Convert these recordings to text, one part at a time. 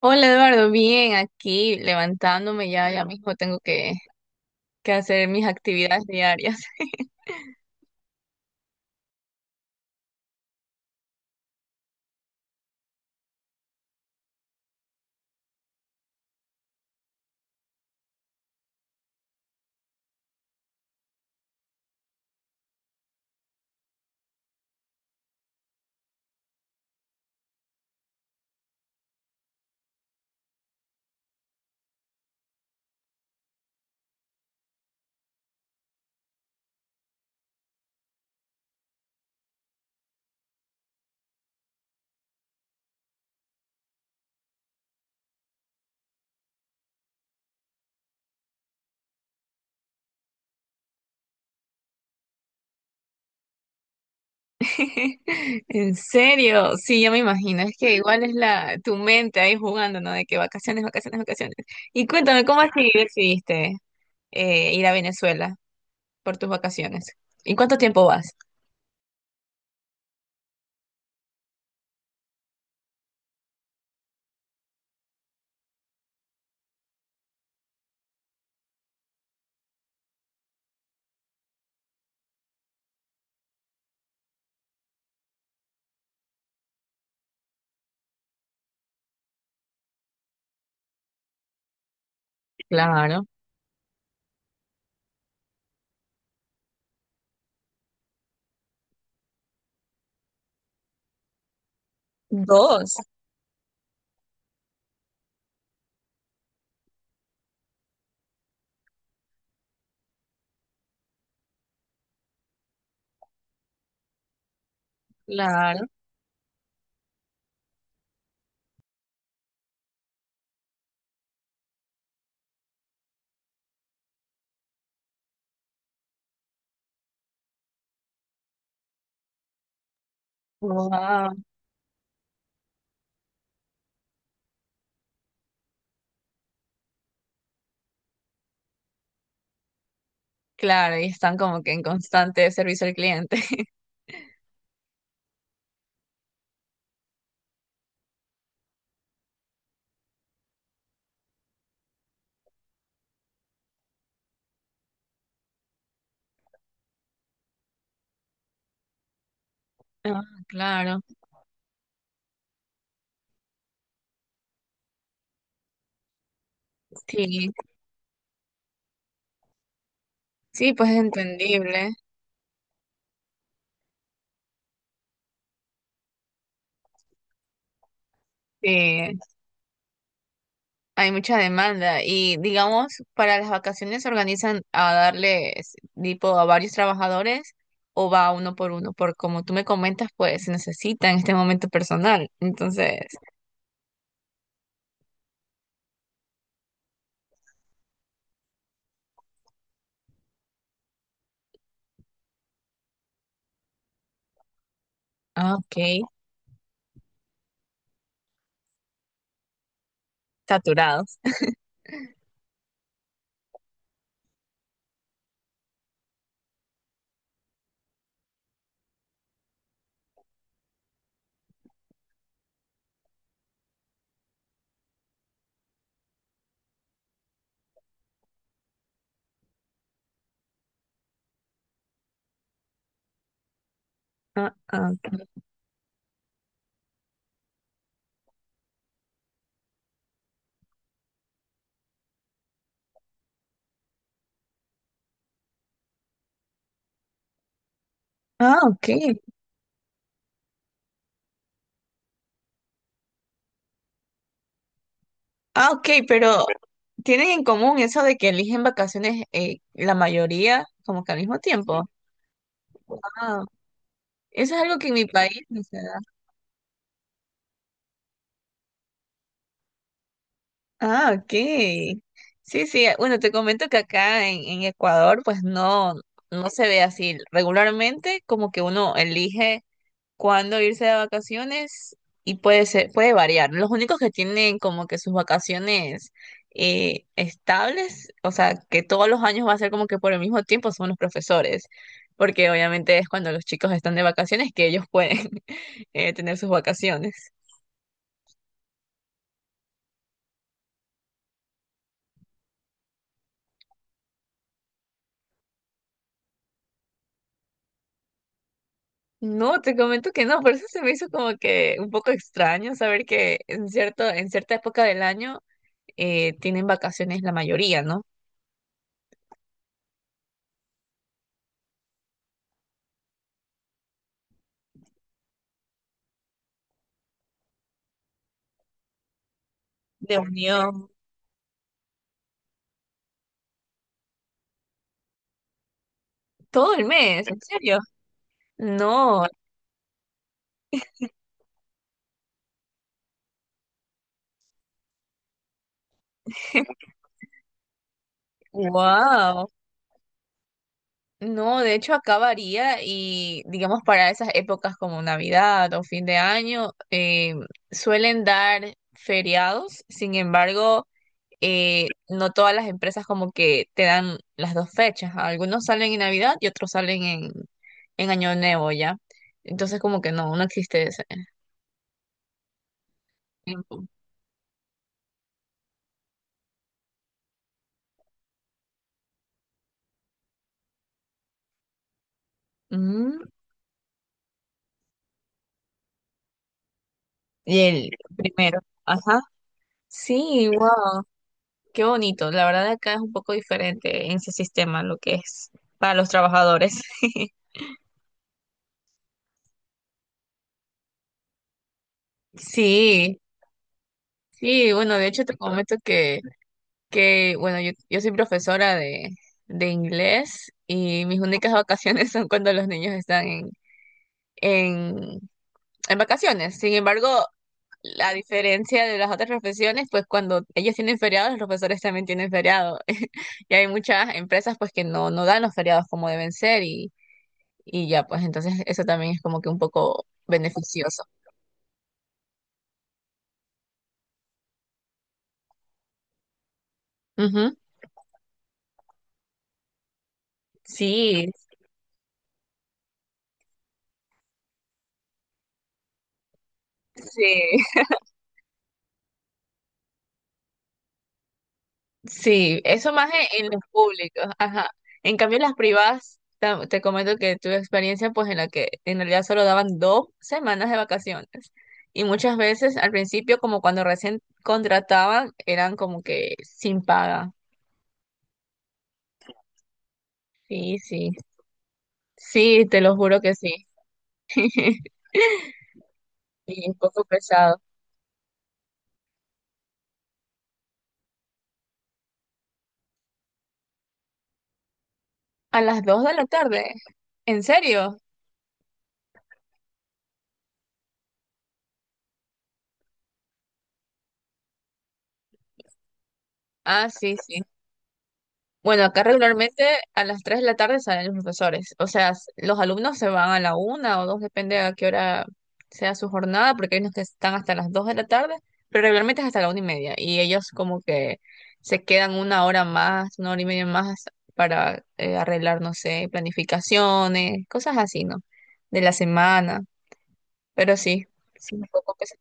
Hola Eduardo, bien, aquí levantándome ya, ya mismo tengo que hacer mis actividades diarias. En serio, sí, ya me imagino, es que igual es la tu mente ahí jugando, ¿no? De que vacaciones, vacaciones, vacaciones. Y cuéntame, ¿cómo así decidiste ir a Venezuela por tus vacaciones? ¿Y cuánto tiempo vas? Claro, dos, claro, wow, claro, y están como que en constante servicio al cliente. Ah, claro, sí. Sí, pues es entendible. Sí, hay mucha demanda y digamos, para las vacaciones se organizan a darle tipo a varios trabajadores o va uno por uno, porque como tú me comentas, pues se necesita en este momento personal. Entonces, ah, ok, saturados. Ah, ah, ok. Ah, ok, Ah, ok, pero tienen en común eso de que eligen vacaciones la mayoría como que al mismo tiempo. Ah, eso es algo que en mi país, no sé. Ah, ok. Sí, sí, bueno, te comento que acá en Ecuador pues no, no se ve así. Regularmente como que uno elige cuándo irse de vacaciones y puede ser, puede variar. Los únicos que tienen como que sus vacaciones estables, o sea, que todos los años va a ser como que por el mismo tiempo son los profesores, porque obviamente es cuando los chicos están de vacaciones que ellos pueden tener sus vacaciones. No, te comento que no, por eso se me hizo como que un poco extraño saber que en cierto, en cierta época del año tienen vacaciones la mayoría, ¿no? De unión. Todo el mes, ¿en serio? No. Wow. No, de hecho acá varía y digamos para esas épocas como Navidad o fin de año suelen dar feriados, sin embargo. No todas las empresas como que te dan las dos fechas. Algunos salen en Navidad y otros salen en, Año Nuevo, ¿ya? Entonces como que no, no existe ese tiempo. Mm. Y el primero, ajá. Sí, wow, qué bonito. La verdad acá es un poco diferente en ese sistema lo que es para los trabajadores. Sí, sí, bueno, de hecho te comento que bueno, yo soy profesora de inglés y mis únicas vacaciones son cuando los niños están en, en, en vacaciones. Sin embargo, la diferencia de las otras profesiones, pues cuando ellos tienen feriados, los profesores también tienen feriado. Y hay muchas empresas pues que no, no dan los feriados como deben ser y ya, pues entonces eso también es como que un poco beneficioso. Ujú. Sí, sí. Sí, eso más en, los públicos, ajá. En cambio, en las privadas, te comento que tuve experiencia pues en la que en realidad solo daban 2 semanas de vacaciones. Y muchas veces al principio, como cuando recién contrataban, eran como que sin paga. Sí, sí. Sí, te lo juro que sí. Y un poco pesado. A las 2 de la tarde. ¿En serio? Ah, sí, sí. Bueno, acá regularmente a las 3 de la tarde salen los profesores. O sea, los alumnos se van a la una o 2, depende a qué hora sea su jornada, porque hay unos que están hasta las 2 de la tarde, pero regularmente es hasta la una y media. Y ellos como que se quedan una hora más, una hora y media más para arreglar, no sé, planificaciones, cosas así, ¿no? De la semana. Pero sí, sí, un poco pesado.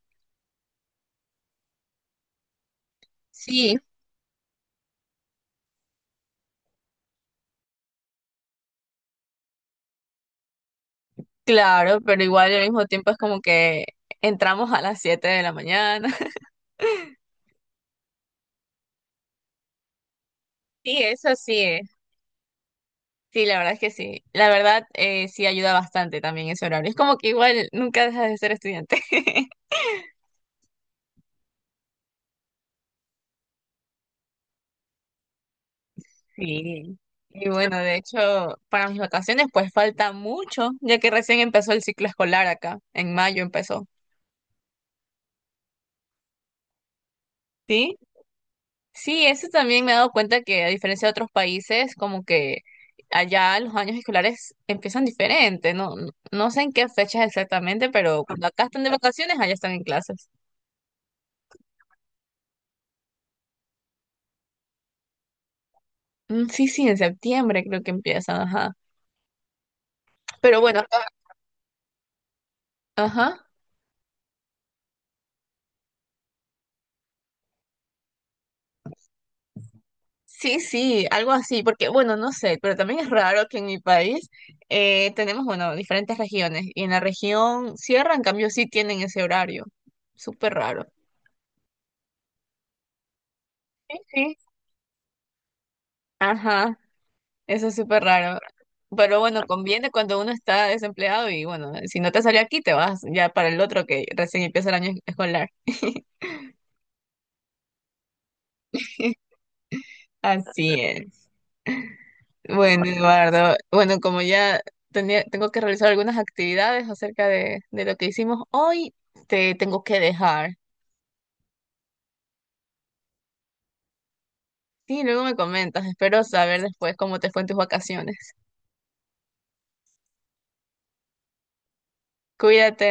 Sí, claro, pero igual al mismo tiempo es como que entramos a las 7 de la mañana. Sí, eso sí. Sí, la verdad es que sí. La verdad, sí ayuda bastante también ese horario. Es como que igual nunca dejas de ser estudiante. Sí. Y bueno, de hecho, para mis vacaciones pues falta mucho, ya que recién empezó el ciclo escolar acá, en mayo empezó. ¿Sí? Sí, eso también me he dado cuenta que a diferencia de otros países, como que allá los años escolares empiezan diferente, no, no no sé en qué fechas exactamente, pero cuando acá están de vacaciones, allá están en clases. Mm, sí, sí, en septiembre creo que empiezan, ajá. Pero bueno, acá. Ajá. Sí, sí, algo así, porque bueno, no sé, pero también es raro que en mi país tenemos, bueno, diferentes regiones y en la región sierra, en cambio, sí tienen ese horario. Súper raro. Sí, sí. Ajá, eso es súper raro. Pero bueno, conviene cuando uno está desempleado y bueno, si no te sale aquí, te vas ya para el otro que recién empieza el año escolar. Así es. Bueno, Eduardo, bueno, como ya tenía, tengo que realizar algunas actividades acerca de lo que hicimos hoy, te tengo que dejar. Sí, luego me comentas, espero saber después cómo te fue en tus vacaciones. Cuídate.